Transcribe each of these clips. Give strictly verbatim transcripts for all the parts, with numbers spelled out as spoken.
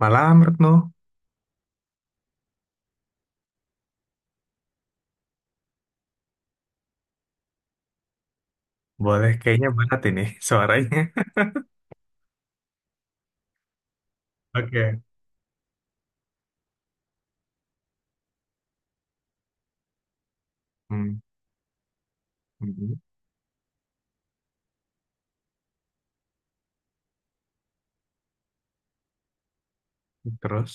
Malam, Retno. Boleh, kayaknya berat ini suaranya. Oke. Hmm, hmm. Terus,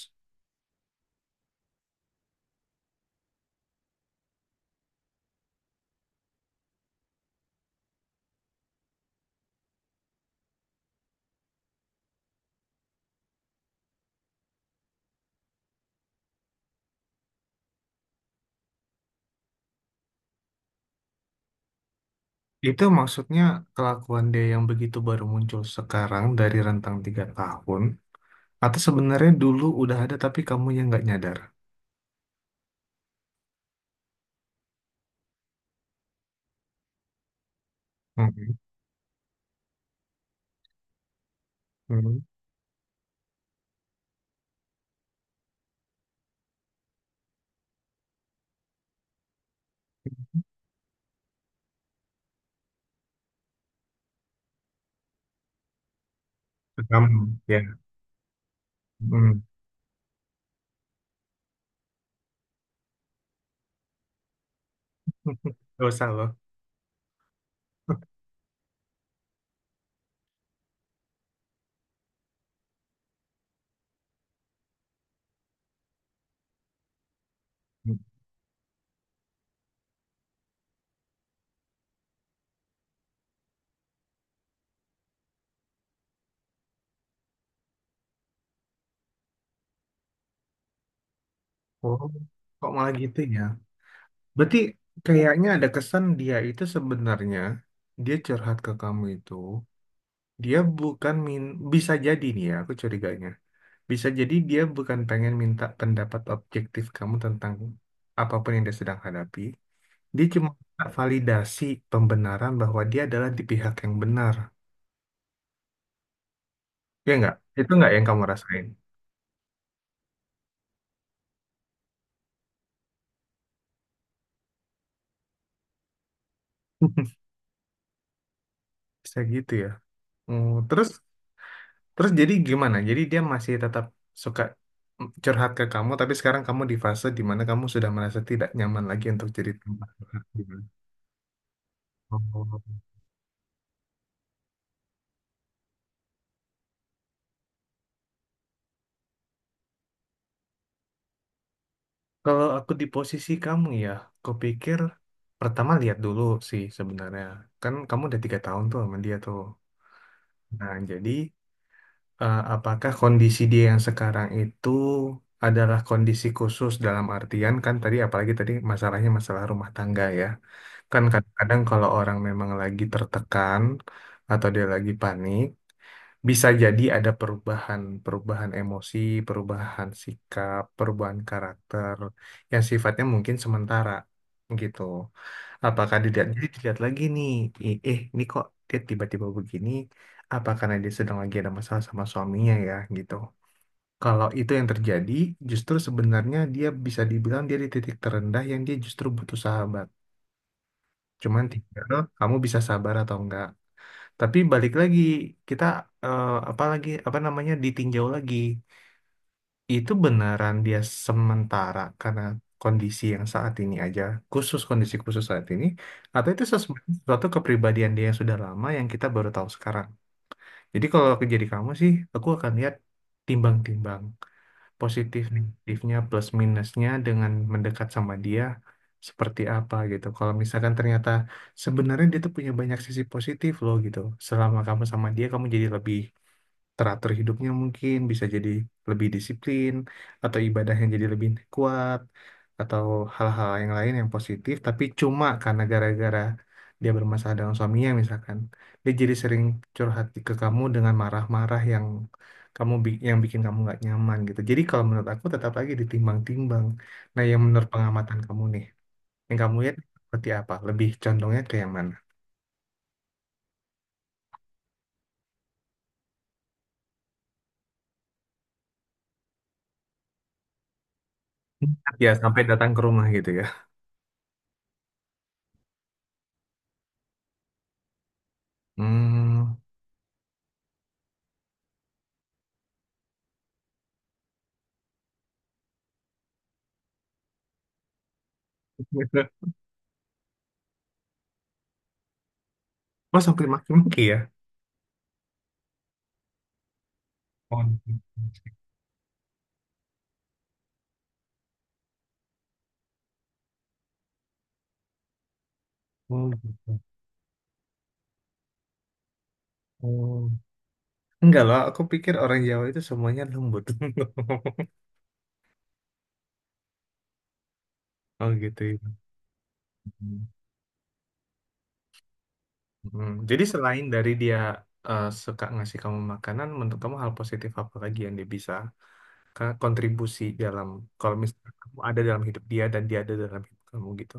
itu maksudnya kelakuan dia yang begitu baru muncul sekarang dari rentang tiga tahun, atau sebenarnya dulu udah ada tapi kamu yang nggak nyadar? Hmm, hmm. Ke Kamu, ya. Hmm. Gak usah loh. Hmm. Oh, kok malah gitu ya? Berarti kayaknya ada kesan dia itu sebenarnya, dia curhat ke kamu itu, dia bukan min bisa jadi nih ya, aku curiganya. Bisa jadi dia bukan pengen minta pendapat objektif kamu tentang apapun yang dia sedang hadapi. Dia cuma minta validasi, pembenaran bahwa dia adalah di pihak yang benar. Ya nggak? Itu nggak yang kamu rasain? Bisa gitu ya. Hmm, terus terus jadi gimana? Jadi dia masih tetap suka mm, curhat ke kamu, tapi sekarang kamu di fase di mana kamu sudah merasa tidak nyaman lagi untuk jadi tempat curhat. Gimana? Oh. Kalau aku di posisi kamu ya, kupikir pertama lihat dulu sih sebenarnya. Kan kamu udah tiga tahun tuh sama dia tuh. Nah, jadi eh, apakah kondisi dia yang sekarang itu adalah kondisi khusus dalam artian kan tadi, apalagi tadi masalahnya masalah rumah tangga ya. Kan kadang-kadang kalau orang memang lagi tertekan atau dia lagi panik, bisa jadi ada perubahan, perubahan emosi, perubahan sikap, perubahan karakter yang sifatnya mungkin sementara gitu. Apakah dilihat, jadi dilihat lagi nih, i- eh ini kok dia tiba-tiba begini? Apa karena dia sedang lagi ada masalah sama suaminya ya gitu. Kalau itu yang terjadi, justru sebenarnya dia bisa dibilang dia di titik terendah yang dia justru butuh sahabat. Cuman tinggal kamu bisa sabar atau enggak. Tapi balik lagi kita eh, apa lagi apa namanya ditinjau lagi itu beneran dia sementara karena kondisi yang saat ini aja, khusus kondisi khusus saat ini, atau itu sesuatu, sesuatu kepribadian dia yang sudah lama yang kita baru tahu sekarang. Jadi kalau aku jadi kamu sih aku akan lihat, timbang-timbang positif, negatifnya, plus minusnya dengan mendekat sama dia seperti apa gitu. Kalau misalkan ternyata sebenarnya dia tuh punya banyak sisi positif loh gitu. Selama kamu sama dia, kamu jadi lebih teratur hidupnya, mungkin bisa jadi lebih disiplin atau ibadahnya jadi lebih kuat atau hal-hal yang lain yang positif, tapi cuma karena gara-gara dia bermasalah dengan suaminya misalkan, dia jadi sering curhat ke kamu dengan marah-marah yang kamu bi- yang bikin kamu nggak nyaman gitu. Jadi kalau menurut aku tetap lagi ditimbang-timbang, nah yang menurut pengamatan kamu nih, yang kamu lihat seperti apa, lebih condongnya ke yang mana. Ya sampai datang ke rumah gitu ya. Hmm. Oh, sampai maki-maki ya. Oh, gitu. Oh, gitu. Oh. Enggak loh, aku pikir orang Jawa itu semuanya lembut. Oh gitu ya. Hmm. Jadi selain dari dia eh, suka ngasih kamu makanan, menurut kamu hal positif apa lagi yang dia bisa ka- kontribusi dalam, kalau misalnya kamu ada dalam hidup dia dan dia ada dalam hidup kamu gitu?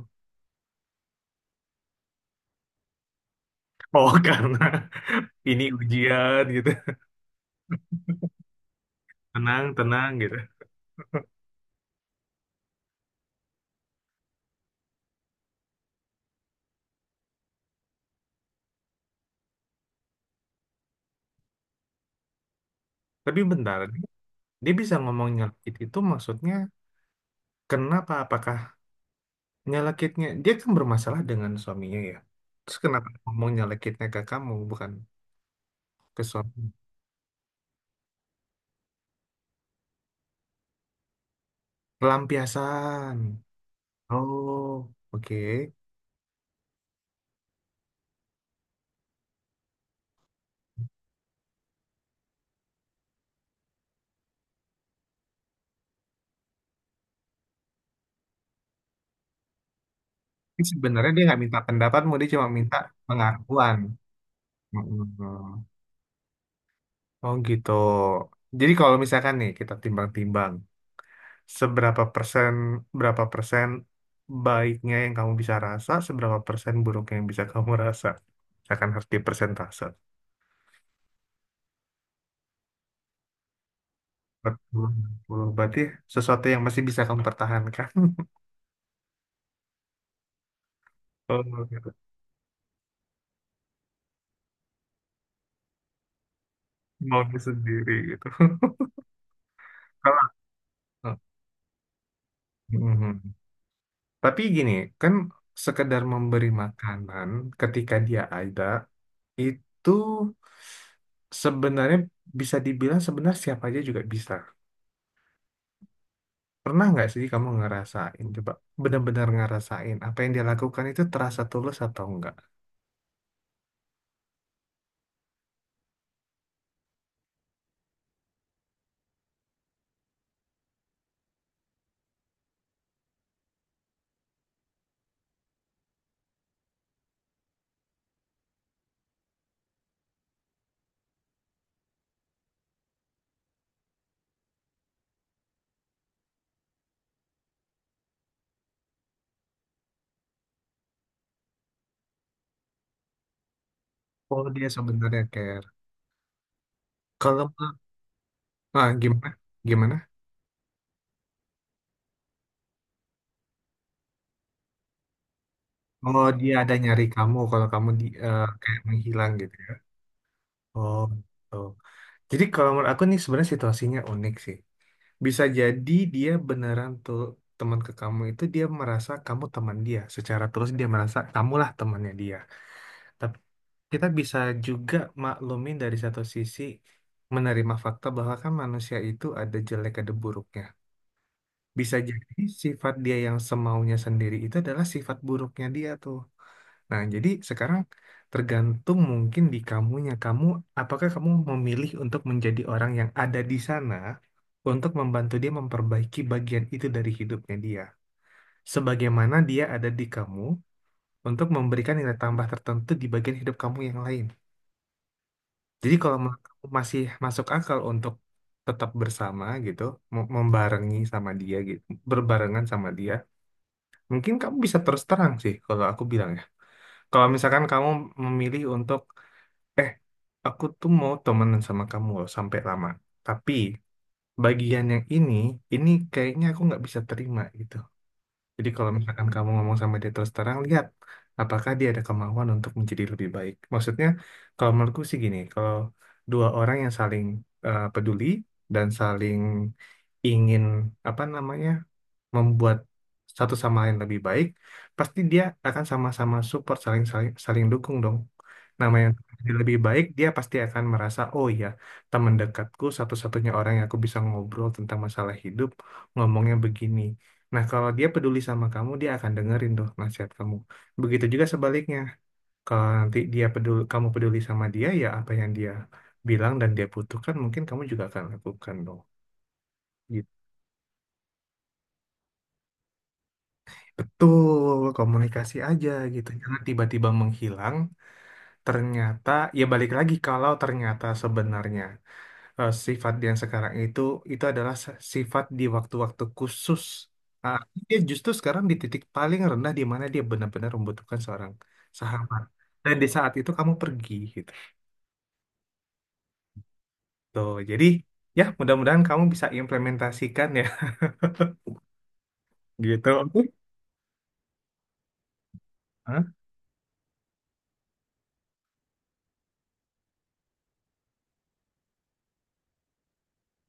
Oh karena ini ujian gitu, tenang tenang gitu. Tapi bentar, dia bisa ngomong nyelkit itu maksudnya kenapa? Apakah nyelekitnya, dia kan bermasalah dengan suaminya ya, terus kenapa ngomong nyelekitnya ke kamu bukan ke suami? Pelampiasan. Oh, oke. Tapi sebenarnya dia nggak minta pendapatmu, dia cuma minta pengakuan. Mm-mm. Oh gitu. Jadi kalau misalkan nih kita timbang-timbang, seberapa persen, berapa persen baiknya yang kamu bisa rasa, seberapa persen buruknya yang bisa kamu rasa, akan harus dipersentase. Betul, betul. Berarti sesuatu yang masih bisa kamu pertahankan. Oh, gitu. Maunya sendiri gitu. Kalau. Mhm. Tapi gini, kan sekedar memberi makanan ketika dia ada itu sebenarnya bisa dibilang sebenarnya siapa aja juga bisa. Pernah nggak sih kamu ngerasain, coba benar-benar ngerasain apa yang dia lakukan itu terasa tulus atau enggak? Oh, dia sebenarnya care. Kalau, nah gimana? Gimana? Oh, dia ada nyari kamu kalau kamu di, eh, kayak menghilang gitu ya. Oh, oh. Jadi kalau menurut aku nih sebenarnya situasinya unik sih. Bisa jadi dia beneran tuh teman ke kamu itu, dia merasa kamu teman dia. Secara terus dia merasa kamulah temannya dia. Tapi kita bisa juga maklumin dari satu sisi, menerima fakta bahwa kan manusia itu ada jelek, ada buruknya. Bisa jadi sifat dia yang semaunya sendiri itu adalah sifat buruknya dia tuh. Nah, jadi sekarang tergantung mungkin di kamunya. Kamu, apakah kamu memilih untuk menjadi orang yang ada di sana untuk membantu dia memperbaiki bagian itu dari hidupnya dia. Sebagaimana dia ada di kamu untuk memberikan nilai tambah tertentu di bagian hidup kamu yang lain. Jadi kalau menurut kamu masih masuk akal untuk tetap bersama gitu, mem- membarengi sama dia gitu, berbarengan sama dia, mungkin kamu bisa terus terang sih kalau aku bilang ya. Kalau misalkan kamu memilih untuk Eh, aku tuh mau temenan sama kamu loh sampai lama. Tapi bagian yang ini, ini kayaknya aku nggak bisa terima gitu. Jadi kalau misalkan kamu ngomong sama dia terus terang, lihat apakah dia ada kemauan untuk menjadi lebih baik. Maksudnya, kalau menurutku sih gini, kalau dua orang yang saling eh, peduli dan saling ingin apa namanya membuat satu sama lain lebih baik, pasti dia akan sama-sama support, saling saling saling dukung dong. Namanya dia lebih baik, dia pasti akan merasa, oh ya, teman dekatku satu-satunya orang yang aku bisa ngobrol tentang masalah hidup, ngomongnya begini. Nah, kalau dia peduli sama kamu, dia akan dengerin tuh nasihat kamu. Begitu juga sebaliknya. Kalau nanti dia peduli, kamu peduli sama dia, ya apa yang dia bilang dan dia butuhkan, mungkin kamu juga akan lakukan dong. Betul, komunikasi aja gitu. Jangan tiba-tiba menghilang. Ternyata, ya balik lagi kalau ternyata sebenarnya eh, sifat yang sekarang itu, itu adalah se- sifat di waktu-waktu khusus. Ah, dia justru sekarang di titik paling rendah di mana dia benar-benar membutuhkan seorang sahabat. Dan di saat itu kamu pergi gitu. Tuh, jadi ya mudah-mudahan kamu bisa implementasikan ya gitu. Oke. Hah?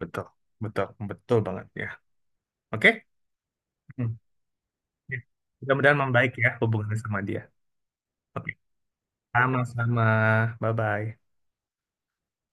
Betul, betul, betul banget ya. Oke? Ya, mudah-mudahan membaik ya hubungannya sama dia. Oke, sama-sama. Bye-bye.